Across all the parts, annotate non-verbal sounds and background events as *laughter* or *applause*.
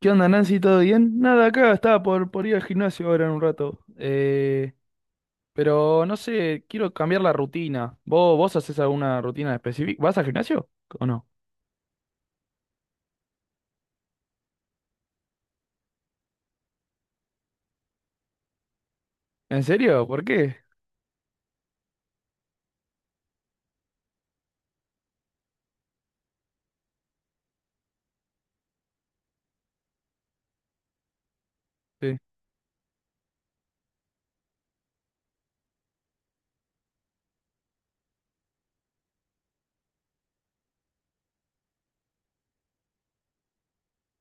¿Qué onda, Nancy? ¿Todo bien? Nada, acá estaba por ir al gimnasio ahora en un rato. Pero no sé, quiero cambiar la rutina. ¿Vos haces alguna rutina específica? ¿Vas al gimnasio o no? ¿En serio? ¿Por qué? Sí.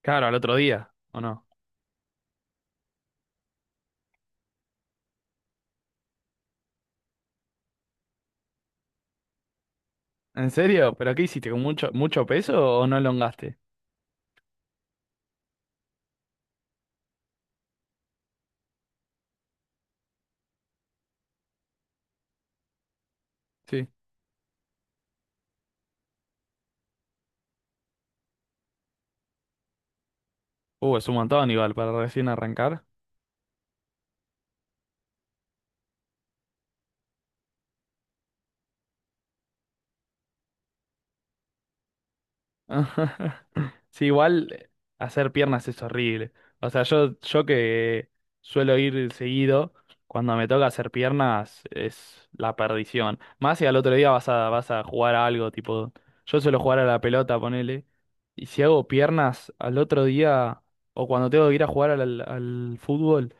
Claro, al otro día, ¿o no? ¿En serio? ¿Pero qué hiciste? ¿Con mucho, mucho peso o no elongaste? Sí. Es un montón igual para recién arrancar. *laughs* Sí, igual hacer piernas es horrible. O sea, yo que suelo ir seguido, cuando me toca hacer piernas es la perdición. Más si al otro día vas a jugar a algo, tipo, yo suelo jugar a la pelota, ponele. Y si hago piernas al otro día, o cuando tengo que ir a jugar al fútbol,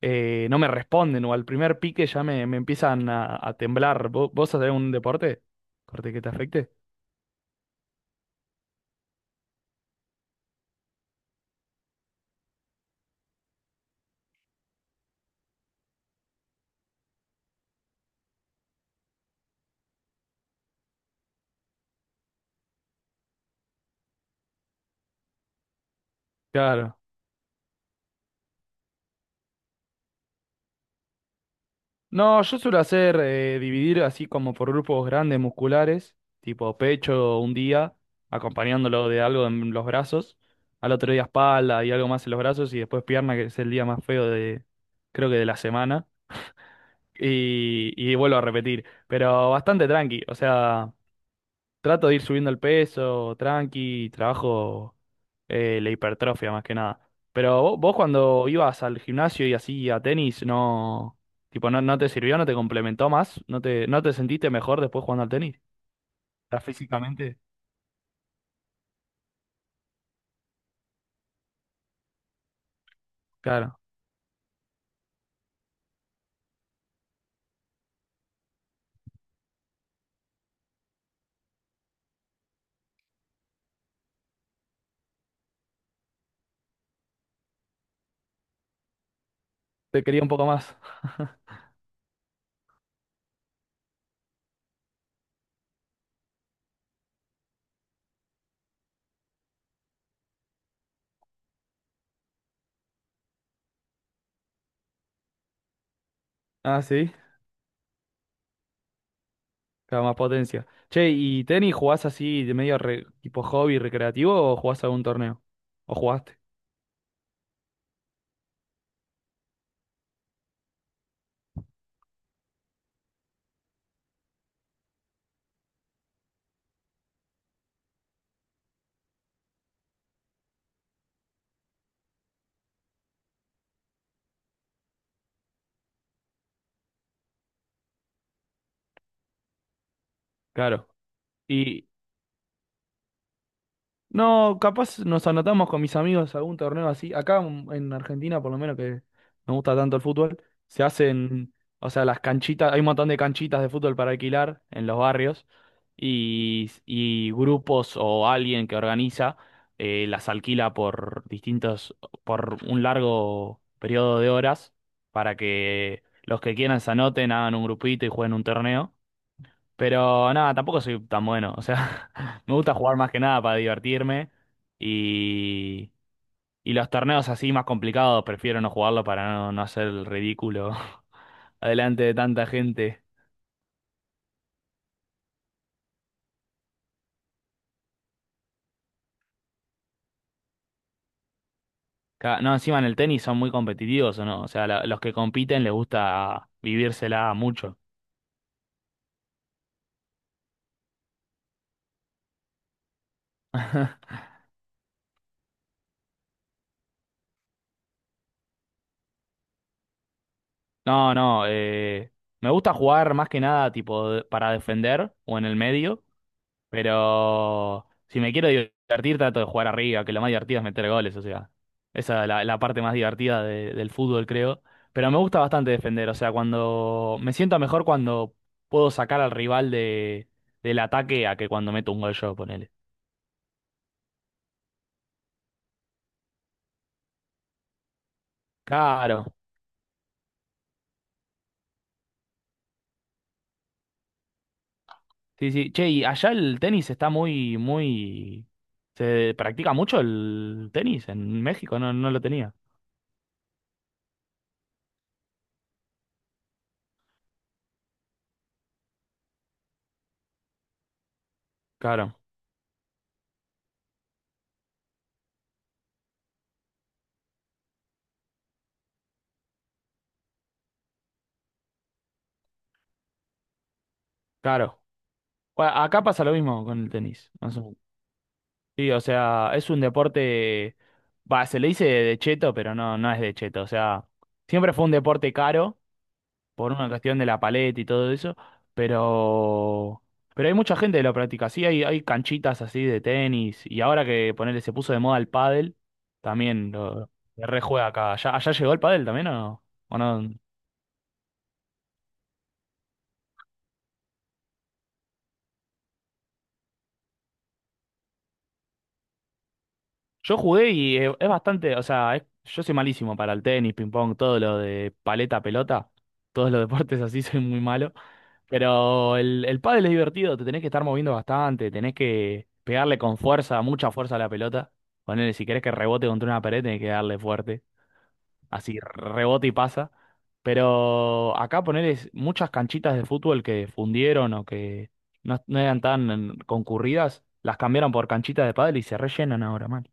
no me responden, o al primer pique ya me empiezan a temblar. ¿Vos hacés un deporte? Corte que te afecte. Claro. No, yo suelo hacer dividir así como por grupos grandes musculares, tipo pecho un día, acompañándolo de algo en los brazos, al otro día espalda y algo más en los brazos, y después pierna, que es el día más feo de, creo que de la semana, y vuelvo a repetir, pero bastante tranqui, o sea. Trato de ir subiendo el peso, tranqui, trabajo la hipertrofia más que nada. Pero vos, cuando ibas al gimnasio y así a tenis, no, tipo, no te sirvió, no te complementó más, no te sentiste mejor después jugando al tenis. ¿Estás físicamente? Claro, te quería un poco más. *laughs* Ah, sí, claro, más potencia. Che, ¿y tenis jugás así de medio tipo hobby recreativo o jugás algún torneo? ¿O jugaste? Claro, y no, capaz nos anotamos con mis amigos a algún torneo así. Acá en Argentina, por lo menos que me gusta tanto el fútbol, se hacen, o sea, las canchitas, hay un montón de canchitas de fútbol para alquilar en los barrios y grupos o alguien que organiza las alquila por distintos, por un largo periodo de horas para que los que quieran se anoten, hagan un grupito y jueguen un torneo. Pero nada, tampoco soy tan bueno. O sea, *laughs* me gusta jugar más que nada para divertirme. Y, y los torneos así más complicados prefiero no jugarlo para no hacer el ridículo *laughs* adelante de tanta gente. No, encima en el tenis son muy competitivos, ¿o no? O sea, los que compiten les gusta vivírsela mucho. No, no, me gusta jugar más que nada tipo para defender o en el medio. Pero si me quiero divertir, trato de jugar arriba, que lo más divertido es meter goles, o sea, esa es la parte más divertida del fútbol, creo. Pero me gusta bastante defender, o sea, cuando me siento mejor cuando puedo sacar al rival del ataque a que cuando meto un gol yo, ponele. Claro. Sí, sí. Che, y allá el tenis está muy, muy. ¿Se practica mucho el tenis en México? No, no lo tenía. Claro, claro. Bueno, acá pasa lo mismo con el tenis. Sí, o sea, es un deporte, va, se le dice de cheto, pero no es de cheto. O sea, siempre fue un deporte caro por una cuestión de la paleta y todo eso, pero, pero hay mucha gente que lo practica. Sí, hay canchitas así de tenis y ahora que ponele se puso de moda el pádel, también se rejuega acá. ¿Allá llegó el pádel también o no? ¿O no? Yo jugué y es bastante, o sea, yo soy malísimo para el tenis, ping pong, todo lo de paleta, pelota, todos los *laughs* deportes así soy muy malo. Pero el pádel es divertido, te tenés que estar moviendo bastante, tenés que pegarle con fuerza, mucha fuerza a la pelota. Ponele, si querés que rebote contra una pared, tenés que darle fuerte. Así rebote y pasa. Pero acá ponele muchas canchitas de fútbol que fundieron o que no eran tan concurridas, las cambiaron por canchitas de pádel y se rellenan ahora, man.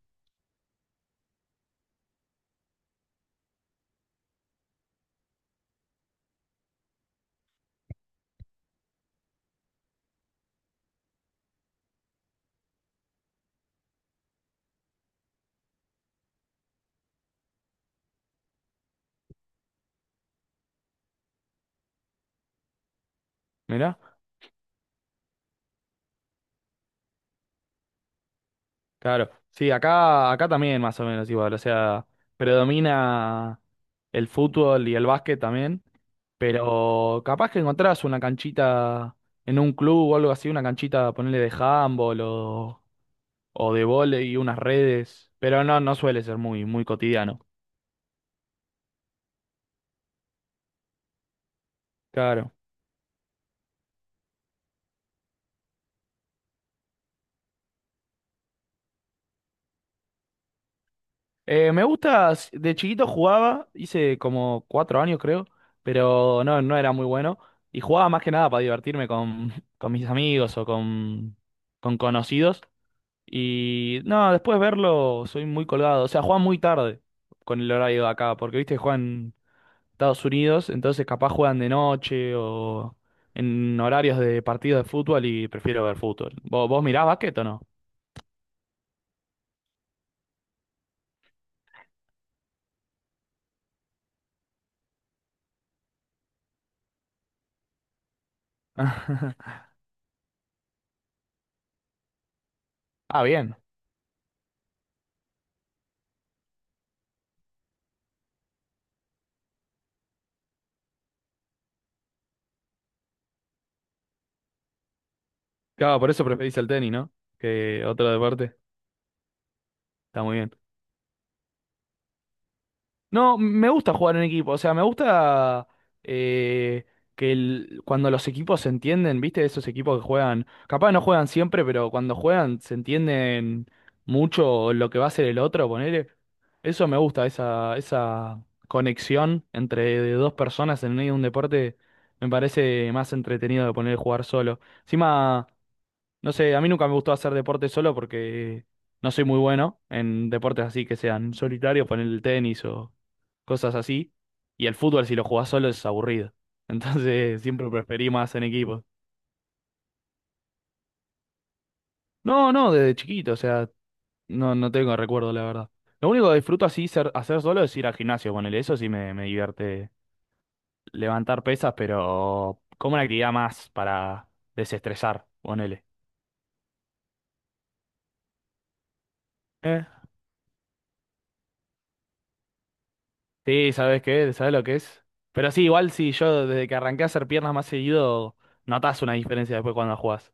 Mirá, claro. Sí, acá también más o menos igual. O sea, predomina el fútbol y el básquet también. Pero capaz que encontrás una canchita en un club o algo así, una canchita, ponerle de handball o de vóley y unas redes. Pero no suele ser muy, muy cotidiano. Claro. Me gusta, de chiquito jugaba, hice como 4 años creo, pero no era muy bueno. Y jugaba más que nada para divertirme con, *laughs* con mis amigos o con conocidos. Y no, después verlo, soy muy colgado. O sea, jugaba muy tarde con el horario de acá, porque viste, juegan Estados Unidos, entonces capaz juegan de noche o en horarios de partidos de fútbol y prefiero ver fútbol. ¿Vos mirás básquet o no? *laughs* Ah, bien. Claro, por eso preferís el tenis, ¿no? Que otro deporte. Está muy bien. No, me gusta jugar en equipo, o sea, me gusta eh, que cuando los equipos se entienden, ¿viste? Esos equipos que juegan, capaz no juegan siempre, pero cuando juegan se entienden mucho lo que va a hacer el otro, ponele. Eso me gusta, esa conexión entre dos personas en medio de un deporte me parece más entretenido de poner jugar solo. Encima, no sé, a mí nunca me gustó hacer deporte solo porque no soy muy bueno en deportes así que sean solitarios, poner el tenis o cosas así. Y el fútbol, si lo jugás solo, es aburrido. Entonces, *laughs* siempre preferí más en equipo. No, no, desde chiquito, o sea, no tengo recuerdo, la verdad. Lo único que disfruto así hacer solo es ir al gimnasio, ponele, eso sí me divierte levantar pesas, pero como una actividad más para desestresar, ponele. Sí, ¿sabes qué? ¿Sabes lo que es? Pero sí, igual sí, yo desde que arranqué a hacer piernas más seguido, notas una diferencia después cuando jugás.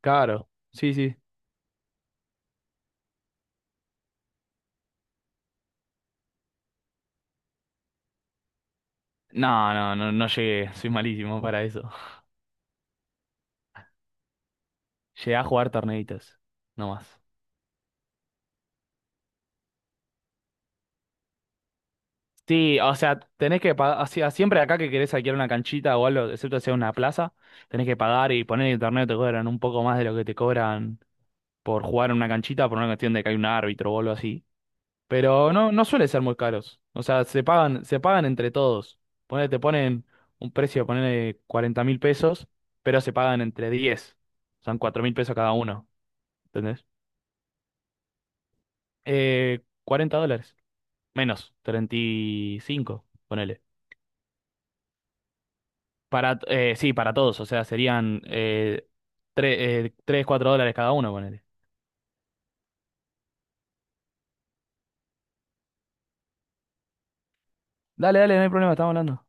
Claro, sí, sí. No, no, no, no llegué, soy malísimo para eso. *laughs* Llegué a jugar torneitos, no más. Sí, o sea, tenés que pagar, siempre acá que querés alquilar una canchita o algo, excepto sea una plaza, tenés que pagar y poner en el torneo te cobran un poco más de lo que te cobran por jugar en una canchita por una cuestión de que hay un árbitro o algo así. Pero no suele ser muy caros. O sea, se pagan entre todos. Ponele, te ponen un precio, ponele 40.000 pesos, pero se pagan entre 10. Son 4000 pesos cada uno, ¿entendés? $40. Menos, 35 ponele. Para, sí, para todos. O sea, serían tres, cuatro dólares cada uno, ponele. Dale, dale, no hay problema, estamos hablando.